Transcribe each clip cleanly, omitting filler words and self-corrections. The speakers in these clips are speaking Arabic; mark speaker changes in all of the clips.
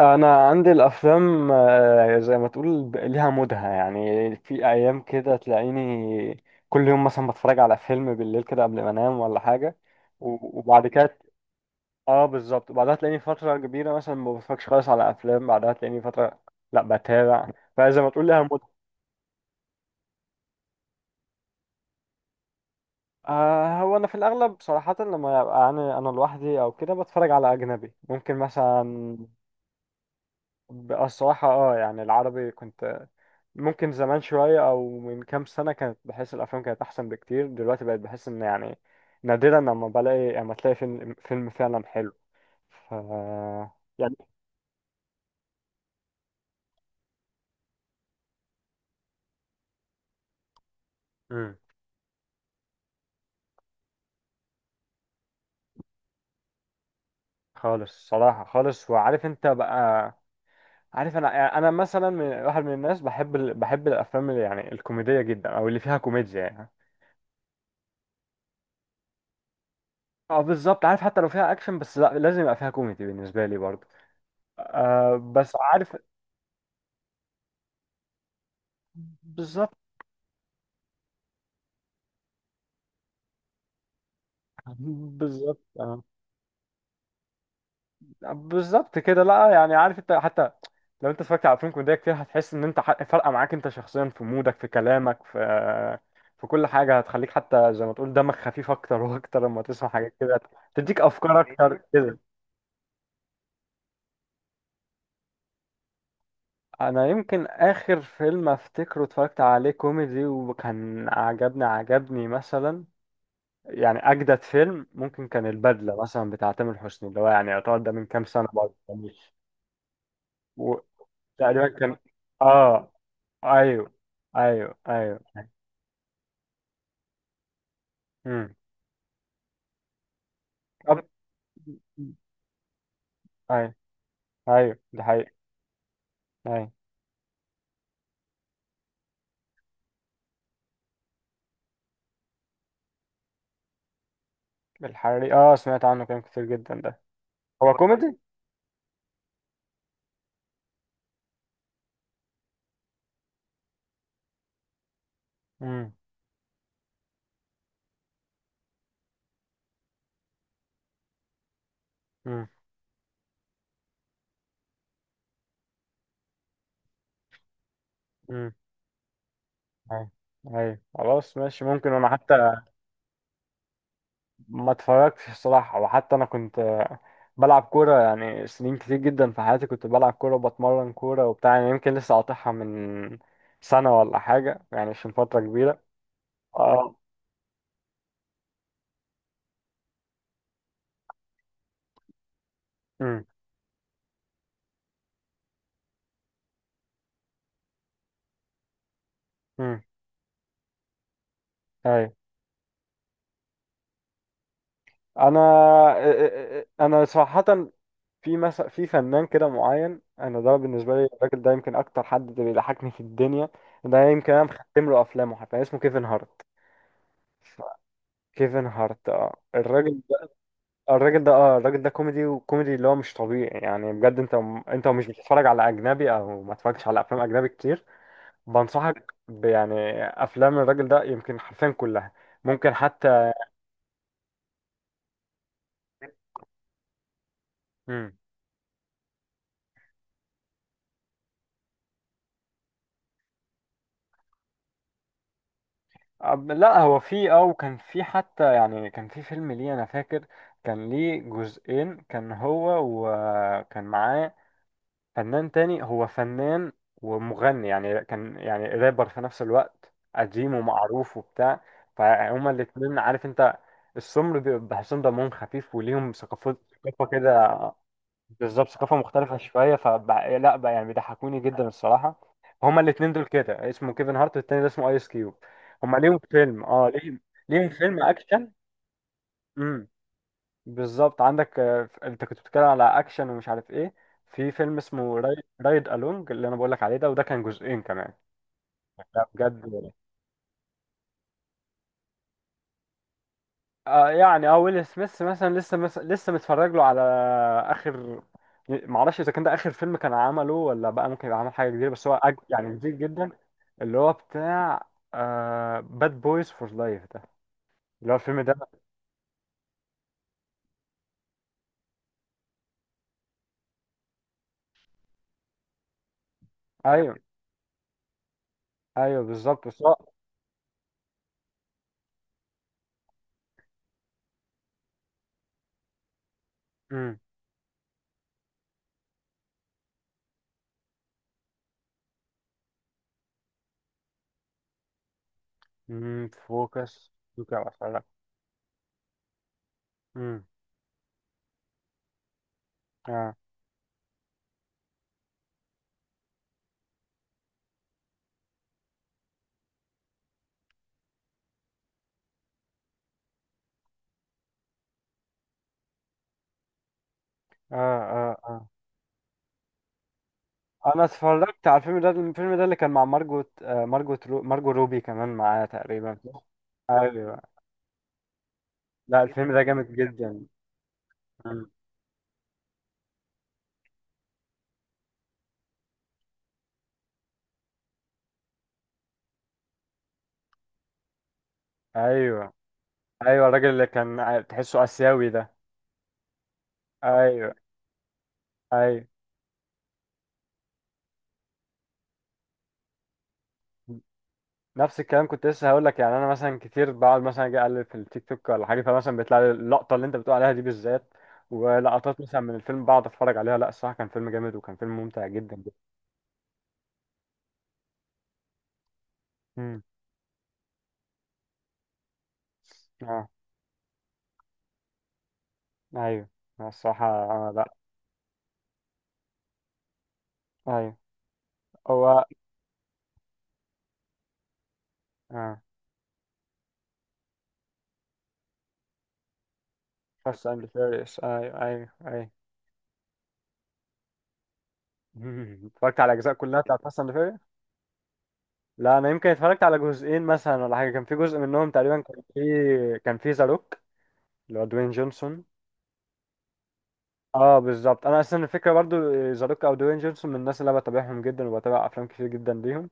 Speaker 1: انا عندي الافلام، زي ما تقول ليها مودها. يعني في ايام كده تلاقيني كل يوم مثلا بتفرج على فيلم بالليل كده قبل ما انام ولا حاجه. وبعد كده اه بالظبط، وبعدها تلاقيني فتره كبيره مثلا ما بتفرجش خالص على افلام، بعدها تلاقيني فتره لا بتابع. فزي ما تقول ليها مودها. هو انا في الاغلب صراحه لما يبقى انا لوحدي او كده بتفرج على اجنبي ممكن مثلا. بقى الصراحه اه يعني العربي كنت ممكن زمان شوية أو من كام سنة، كانت بحس الأفلام كانت أحسن بكتير. دلوقتي بقت بحس إن يعني نادرا لما بلاقي، لما تلاقي فيلم فعلا حلو. ف يعني مم. خالص صراحة خالص. وعارف أنت بقى، عارف أنا يعني أنا مثلا من واحد من الناس بحب بحب الأفلام اللي يعني الكوميدية جدا أو اللي فيها كوميديا يعني. اه بالظبط عارف، حتى لو فيها أكشن بس لا، لازم يبقى فيها كوميدي بالنسبة لي برضه. آه بس عارف. بالظبط. بالظبط آه. بالظبط كده، لا يعني عارف انت حتى لو انت اتفرجت على افلام كوميديه كتير هتحس ان انت فارقه معاك انت شخصيا في مودك، في كلامك، في كل حاجه هتخليك حتى زي ما تقول دمك خفيف اكتر واكتر. لما تسمع حاجات كده تديك افكار اكتر كده. انا يمكن اخر فيلم افتكره اتفرجت عليه كوميدي وكان عجبني مثلا، يعني اجدد فيلم، ممكن كان البدله مثلا بتاع تامر حسني، اللي هو يعني يعتبر ده من كام سنه برضه يعني. و- تقريبا كان، اه، ايوه ايوه ايوه. امم. طب. ايوه ايوه، دي حقيقة. ايوه. الحريق اه، سمعت عنه كلام كتير جدا ده. هو كوميدي. امم. امم. امم. ايوه ايوه، خلاص ماشي، ممكن انا حتى ما اتفرجتش الصراحة. وحتى انا كنت بلعب كورة يعني سنين كتير جدا في حياتي، كنت بلعب كورة وبتمرن كورة وبتاع، يعني يمكن لسه قاطعها من سنة ولا حاجة يعني، عشان فترة كبيرة. اه. امم. امم. ايوه. انا انا صراحه في مثلا في فنان كده معين، انا ده بالنسبه لي الراجل ده يمكن اكتر حد بيضحكني في الدنيا. ده يمكن انا مختم له افلامه، حتى اسمه كيفن هارت. ف- كيفن هارت اه، الراجل ده، الراجل ده كوميدي، وكوميدي اللي هو مش طبيعي يعني بجد. انت، انت مش بتتفرج على اجنبي او ما اتفرجتش على افلام اجنبي كتير، بنصحك يعني افلام الراجل ده يمكن حرفيا كلها، ممكن حتى. مم. لا هو في اه، وكان في حتى يعني كان في فيلم ليه انا فاكر، كان ليه جزئين، كان هو وكان معاه فنان تاني، هو فنان ومغني يعني، كان يعني رابر في نفس الوقت قديم ومعروف وبتاع. فهما الاتنين عارف انت، السمر بيبقى بحسهم دمهم خفيف وليهم ثقافات، ثقافة كده. بالظبط ثقافة مختلفة شوية. فبقى إيه، لا بقى يعني بيضحكوني جدا الصراحة. هما الاتنين دول كده، اسمه كيفن هارت والتاني ده اسمه ايس كيوب. هما ليهم فيلم اه، ليهم فيلم اكشن. امم. بالظبط. عندك انت كنت بتتكلم على اكشن ومش عارف ايه، في فيلم اسمه رايد الونج، اللي انا بقول لك عليه ده، وده كان جزئين كمان. لا بجد يعني اه، ويل سميث مثلا لسه لسه متفرج له على اخر، معرفش اذا كان ده اخر فيلم كان عمله، ولا بقى ممكن يبقى عمل حاجه جديده، بس هو يعني جديد جدا، اللي هو بتاع باد بويز فور لايف ده، اللي هو الفيلم ده. ايوه ايوه بالظبط، بس هو. امم. أمم، فوكس اتفرج. امم. اه اه اه اه، انا اتفرجت على الفيلم ده، الفيلم ده اللي كان مع مارجوت مارجو روبي كمان معاه تقريبا. ايوه. لا الفيلم ده جامد جدا. مم. ايوه ايوه، الراجل اللي كان تحسه اسيوي ده. ايوه. ايوه نفس الكلام كنت لسه هقول لك يعني، انا مثلا كتير بقعد مثلا اجي اقلب في التيك توك ولا حاجه، فمثلا بيطلع لي اللقطه اللي انت بتقول عليها دي بالذات، ولقطات مثلا من الفيلم بقعد اتفرج عليها. لا الصراحه كان فيلم جامد وكان فيلم ممتع جدا جدا. امم. اه. ايوه. لا، الصراحه لا. ايوه هو. اه. فاست اند فيريوس ايوه ايوه ايوه. اتفرجت على الاجزاء كلها بتاعت فاست اند. لا انا يمكن اتفرجت على جزئين مثلا ولا حاجه، كان في جزء منهم تقريبا كان في ذا روك، اللي هو دوين جونسون. اه بالظبط. انا اصلا الفكره برضو ذا روك او دوين جونسون من الناس اللي انا بتابعهم جدا، وبتابع افلام كتير جدا ليهم.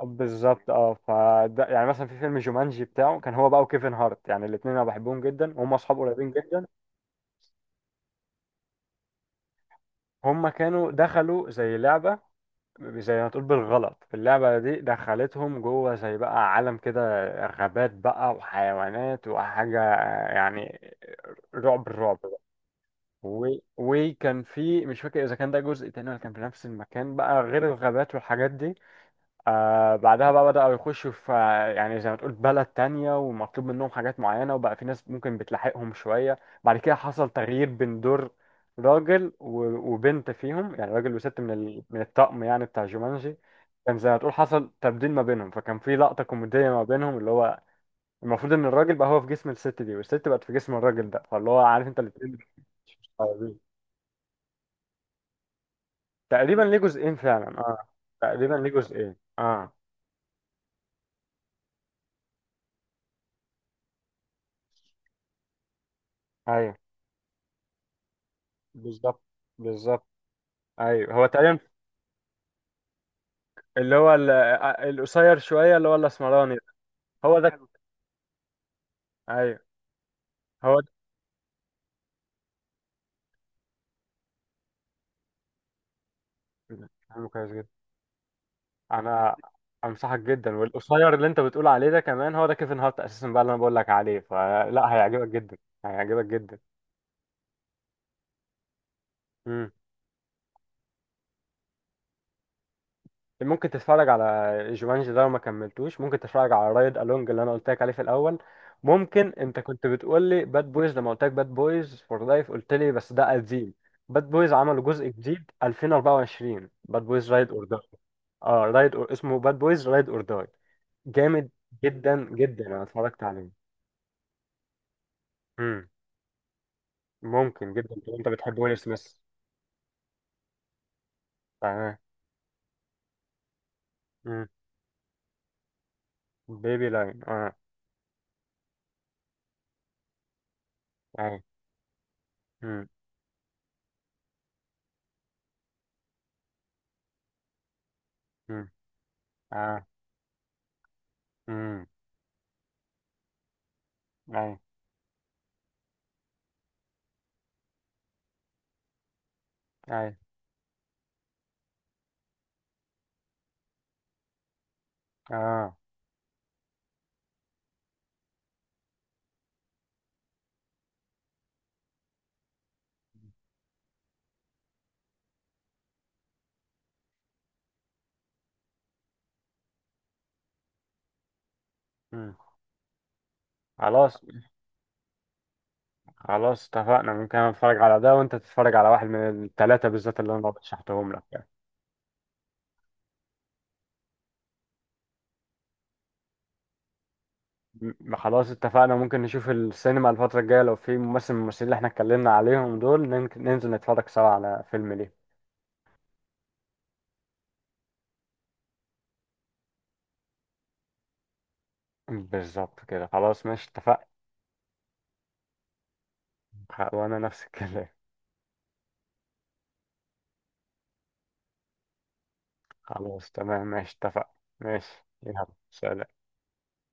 Speaker 1: بالظبط اه. فده يعني مثلا في فيلم جومانجي بتاعه، كان هو بقى وكيفن هارت، يعني الاثنين انا بحبهم جدا وهم اصحاب قريبين جدا. هم كانوا دخلوا زي لعبه، زي ما تقول بالغلط اللعبة دي دخلتهم جوه زي بقى عالم كده، غابات بقى وحيوانات وحاجة يعني، الرعب بقى. و... وكان في، مش فاكر إذا كان ده جزء تاني ولا كان في نفس المكان بقى غير الغابات والحاجات دي. آه بعدها بقى بدأوا يخشوا في يعني زي ما تقول بلد تانية، ومطلوب منهم حاجات معينة، وبقى في ناس ممكن بتلاحقهم شوية. بعد كده حصل تغيير بين دور راجل وبنت فيهم، يعني راجل وست من الطقم يعني بتاع جومانجي. كان زي ما تقول حصل تبديل ما بينهم، فكان في لقطة كوميدية ما بينهم، اللي هو المفروض إن الراجل بقى هو في جسم الست دي، والست بقت في جسم الراجل ده، فاللي هو عارف أنت الاتنين مش طيبين. تقريبا ليه جزئين فعلا اه. تقريبا ليه جزئين اه. ايوه بالظبط. بالظبط. ايوه هو تقريبا. اللي هو القصير شويه، اللي هو الاسمراني ده. هو ده. ايوه هو ده. فاهمه كويس جدا. انا انصحك جدا. والقصير اللي انت بتقول عليه ده كمان، هو ده كيفن هارت اساسا بقى اللي انا بقول لك عليه، فلا هيعجبك جدا، هيعجبك جدا. ممكن تتفرج على جومانجي ده لو ما كملتوش، ممكن تتفرج على رايد الونج اللي انا قلت لك عليه في الاول. ممكن، انت كنت بتقول لي باد بويز، لما قلت لك باد بويز فور لايف قلت لي بس ده قديم. باد بويز عملوا جزء جديد 2024، باد بويز رايد اور داي. اه رايد اور، اسمه باد بويز رايد اور داي، جامد جدا جدا، انا اتفرجت عليه. امم. ممكن جدا لو انت بتحب ويل سميث. تمام. امم. بيبي لاين اه. اي. امم. امم. اه. امم. اي. اي. اه. مم. خلاص خلاص اتفقنا، ممكن انا اتفرج على ده، وانت تتفرج على واحد من الثلاثه بالذات اللي انا رشحتهم لك يعني. خلاص اتفقنا. ممكن نشوف السينما الفتره الجايه، لو في ممثل من الممثلين اللي احنا اتكلمنا عليهم دول ننزل نتفرج سوا على فيلم ليه. بالظبط كده، خلاص ماشي اتفقنا. وانا نفس الكلام. خلاص تمام ماشي اتفقنا. ماشي، يلا سلام.